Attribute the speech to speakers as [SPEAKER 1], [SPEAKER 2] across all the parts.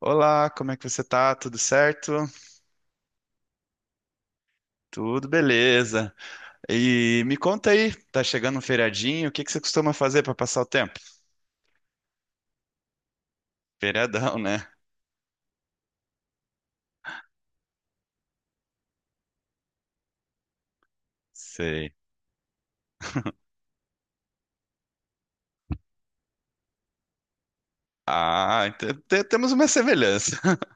[SPEAKER 1] Olá, como é que você tá? Tudo certo? Tudo beleza. E me conta aí, tá chegando um feriadinho, o que que você costuma fazer para passar o tempo? Feriadão, né? Sei. Ah, então temos uma semelhança.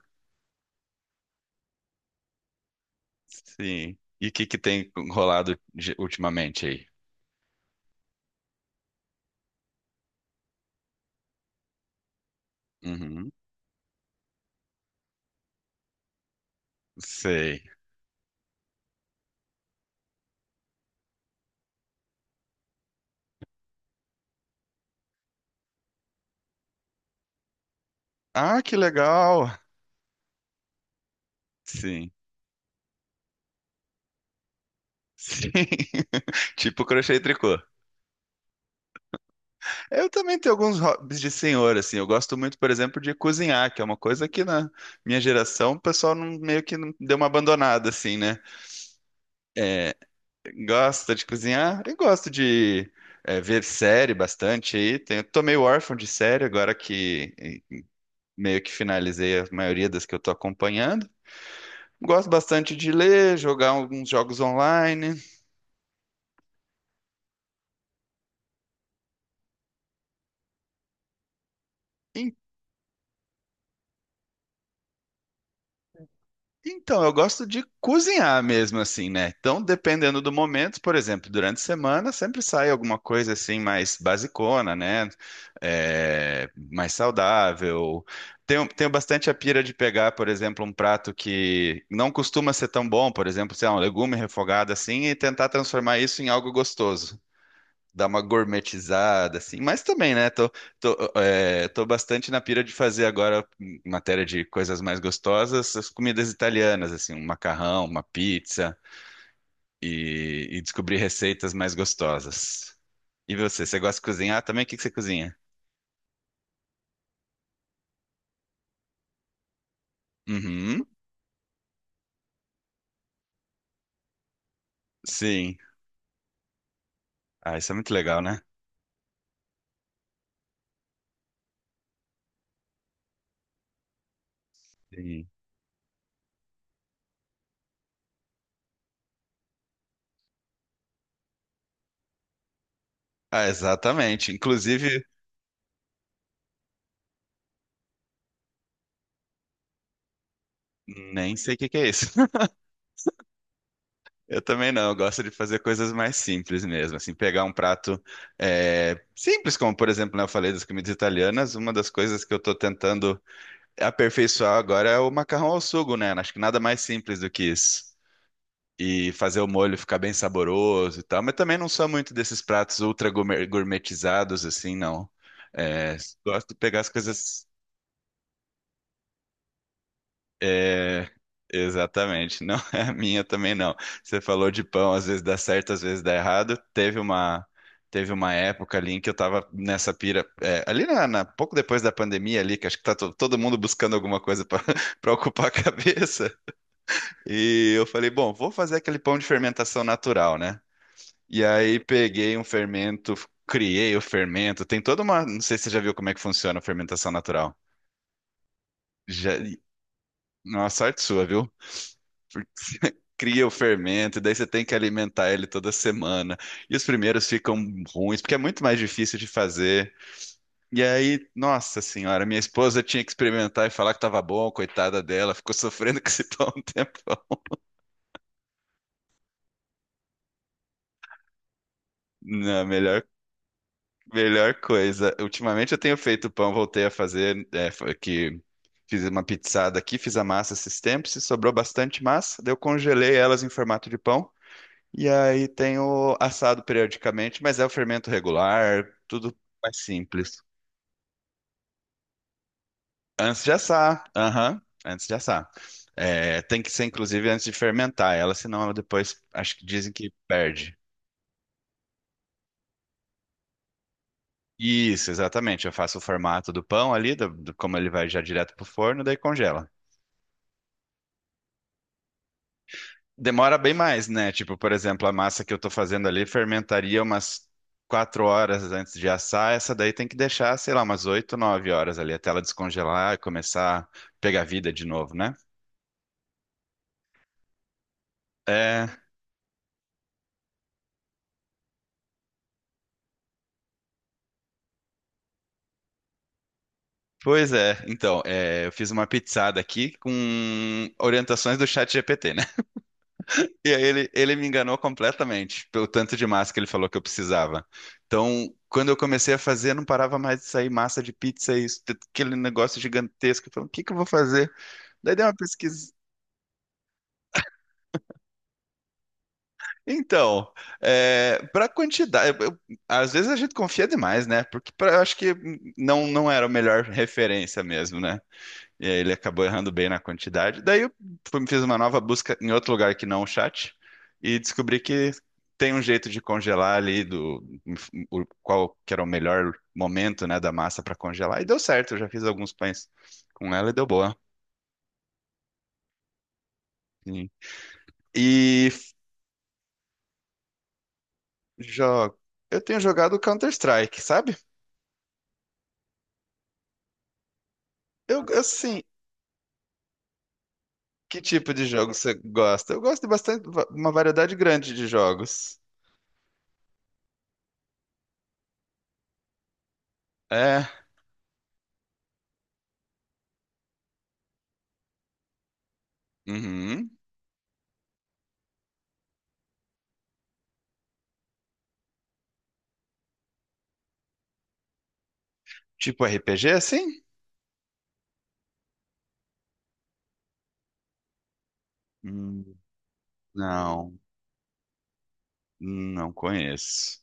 [SPEAKER 1] Sim. E o que que tem rolado ultimamente aí? Uhum. Sei. Ah, que legal. Sim. Sim. Tipo crochê e tricô. Eu também tenho alguns hobbies de senhor, assim. Eu gosto muito, por exemplo, de cozinhar, que é uma coisa que na minha geração o pessoal meio que não deu uma abandonada, assim, né? Gosta de cozinhar e gosto de ver série bastante aí. Tô meio órfão de série agora que meio que finalizei a maioria das que eu tô acompanhando. Gosto bastante de ler, jogar alguns jogos online. Então, eu gosto de cozinhar mesmo, assim, né? Então, dependendo do momento, por exemplo, durante a semana sempre sai alguma coisa assim mais basicona, né? É, mais saudável. Tenho bastante a pira de pegar, por exemplo, um prato que não costuma ser tão bom, por exemplo, sei lá, um legume refogado assim, e tentar transformar isso em algo gostoso, dar uma gourmetizada, assim. Mas também, né? Tô, tô bastante na pira de fazer agora, em matéria de coisas mais gostosas, as comidas italianas, assim, um macarrão, uma pizza e descobrir receitas mais gostosas. E você gosta de cozinhar também? O que que você cozinha? Uhum, sim. Ah, isso é muito legal, né? Sim. Ah, exatamente. Inclusive, nem sei o que que é isso. Eu também não, eu gosto de fazer coisas mais simples mesmo, assim, pegar um prato simples, como por exemplo, né, eu falei das comidas italianas, uma das coisas que eu tô tentando aperfeiçoar agora é o macarrão ao sugo, né? Acho que nada mais simples do que isso. E fazer o molho ficar bem saboroso e tal, mas também não sou muito desses pratos ultra gourmetizados, assim, não. É, gosto de pegar as coisas. É, exatamente. Não é a minha também não. Você falou de pão, às vezes dá certo, às vezes dá errado. Teve uma época ali em que eu tava nessa pira, ali pouco depois da pandemia ali, que acho que tá todo mundo buscando alguma coisa para para ocupar a cabeça. E eu falei, bom, vou fazer aquele pão de fermentação natural, né? E aí peguei um fermento, criei o fermento. Tem toda uma, não sei se você já viu como é que funciona a fermentação natural. Já, nossa, sorte sua, viu? Cria o fermento, e daí você tem que alimentar ele toda semana. E os primeiros ficam ruins, porque é muito mais difícil de fazer. E aí, nossa senhora, minha esposa tinha que experimentar e falar que tava bom, coitada dela, ficou sofrendo com esse pão um tempão. Não, melhor coisa. Ultimamente eu tenho feito pão, voltei a fazer, foi que fiz uma pizzada aqui, fiz a massa esses tempos, e sobrou bastante massa, daí eu congelei elas em formato de pão. E aí tem o assado periodicamente, mas é o fermento regular, tudo mais simples. Antes de assar, aham, antes de assar. É, tem que ser, inclusive, antes de fermentar ela, senão ela depois, acho que dizem que perde. Isso, exatamente. Eu faço o formato do pão ali, como ele vai já direto pro forno, daí congela. Demora bem mais, né? Tipo, por exemplo, a massa que eu tô fazendo ali fermentaria umas 4 horas antes de assar. Essa daí tem que deixar, sei lá, umas 8, 9 horas ali até ela descongelar e começar a pegar vida de novo, né? É, pois é. Então, eu fiz uma pizzada aqui com orientações do chat GPT, né? E aí ele me enganou completamente pelo tanto de massa que ele falou que eu precisava. Então, quando eu comecei a fazer, não parava mais de sair massa de pizza e isso, aquele negócio gigantesco. Eu falei, o que que eu vou fazer? Daí dei uma pesquisa. Então, para quantidade, às vezes a gente confia demais, né? Porque eu acho que não, não era a melhor referência mesmo, né? E aí ele acabou errando bem na quantidade. Daí eu fiz uma nova busca em outro lugar que não o chat e descobri que tem um jeito de congelar ali qual que era o melhor momento, né, da massa para congelar. E deu certo, eu já fiz alguns pães com ela e deu boa. Sim. E jo- eu tenho jogado Counter-Strike, sabe? Eu, assim, que tipo de jogo você gosta? Eu gosto de bastante, uma variedade grande de jogos. É, uhum. Tipo RPG, assim? Hum, não, não conheço.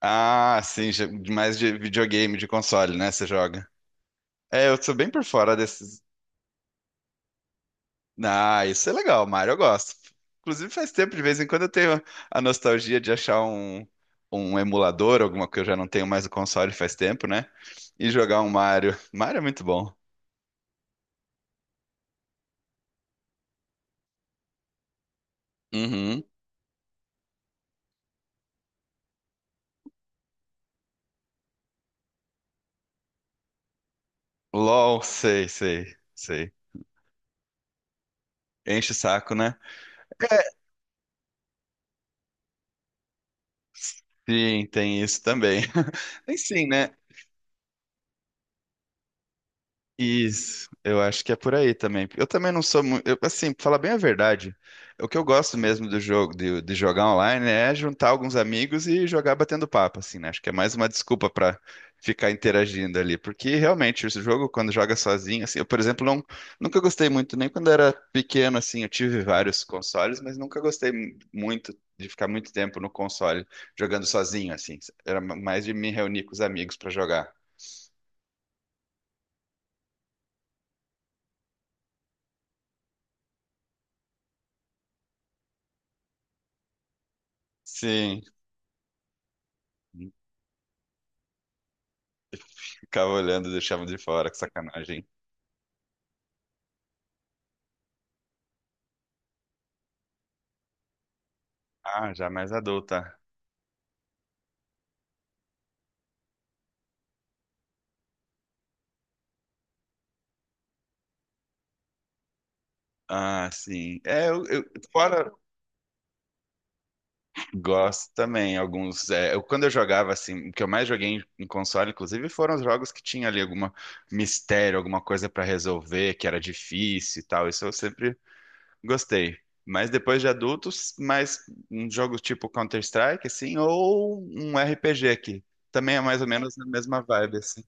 [SPEAKER 1] Ah, sim, mais de videogame, de console, né? Você joga. É, eu sou bem por fora desses. Ah, isso é legal, Mario, eu gosto. Inclusive, faz tempo, de vez em quando eu tenho a nostalgia de achar um emulador, alguma que eu já não tenho mais o console faz tempo, né? E jogar um Mario. Mario é muito bom. Uhum. LOL, sei, sei, sei. Enche o saco, né? É, sim, tem isso também. Tem sim, né? Isso, eu acho que é por aí também. Eu também não sou muito, assim, pra falar bem a verdade, o que eu gosto mesmo do jogo, de jogar online, é juntar alguns amigos e jogar batendo papo, assim, né? Acho que é mais uma desculpa pra ficar interagindo ali. Porque realmente, esse jogo, quando joga sozinho, assim, eu, por exemplo, não, nunca gostei muito, nem quando era pequeno, assim, eu tive vários consoles, mas nunca gostei muito de ficar muito tempo no console jogando sozinho, assim. Era mais de me reunir com os amigos pra jogar. Sim. Ficava olhando, e deixava de fora, que sacanagem. Ah, já mais adulta. Ah, sim. É, fora gosto também alguns. Quando eu jogava assim, o que eu mais joguei em console, inclusive, foram os jogos que tinha ali alguma mistério, alguma coisa pra resolver, que era difícil e tal. Isso eu sempre gostei. Mas depois de adultos, mais um jogo tipo Counter-Strike, assim, ou um RPG que também é mais ou menos a mesma vibe, assim.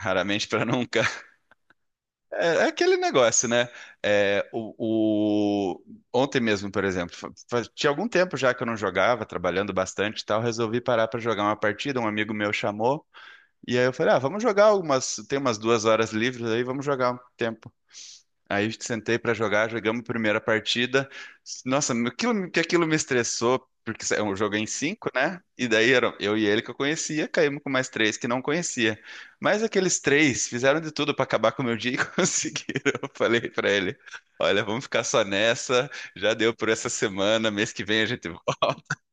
[SPEAKER 1] Raramente pra nunca. É aquele negócio, né? É, o, o- Ontem mesmo, por exemplo, tinha algum tempo já que eu não jogava, trabalhando bastante e tal, resolvi parar para jogar uma partida. Um amigo meu chamou, e aí eu falei: Ah, vamos jogar algumas. Tem umas 2 horas livres aí, vamos jogar um tempo. Aí eu sentei pra jogar, jogamos a primeira partida. Nossa, aquilo, que aquilo me estressou, porque é um jogo em cinco, né? E daí eram eu e ele que eu conhecia, caímos com mais três que não conhecia. Mas aqueles três fizeram de tudo pra acabar com o meu dia e conseguiram. Eu falei pra ele: Olha, vamos ficar só nessa, já deu por essa semana, mês que vem a gente volta.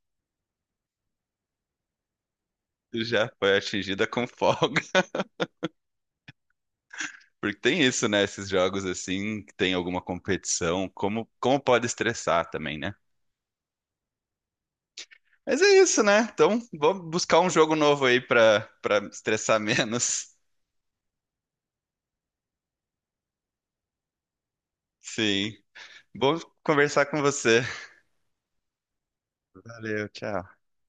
[SPEAKER 1] Já foi atingida com folga. Porque tem isso, né? Esses jogos assim, que tem alguma competição, como pode estressar também, né? Mas é isso, né? Então, vamos buscar um jogo novo aí pra para estressar menos. Sim. Bom conversar com você. Valeu, tchau.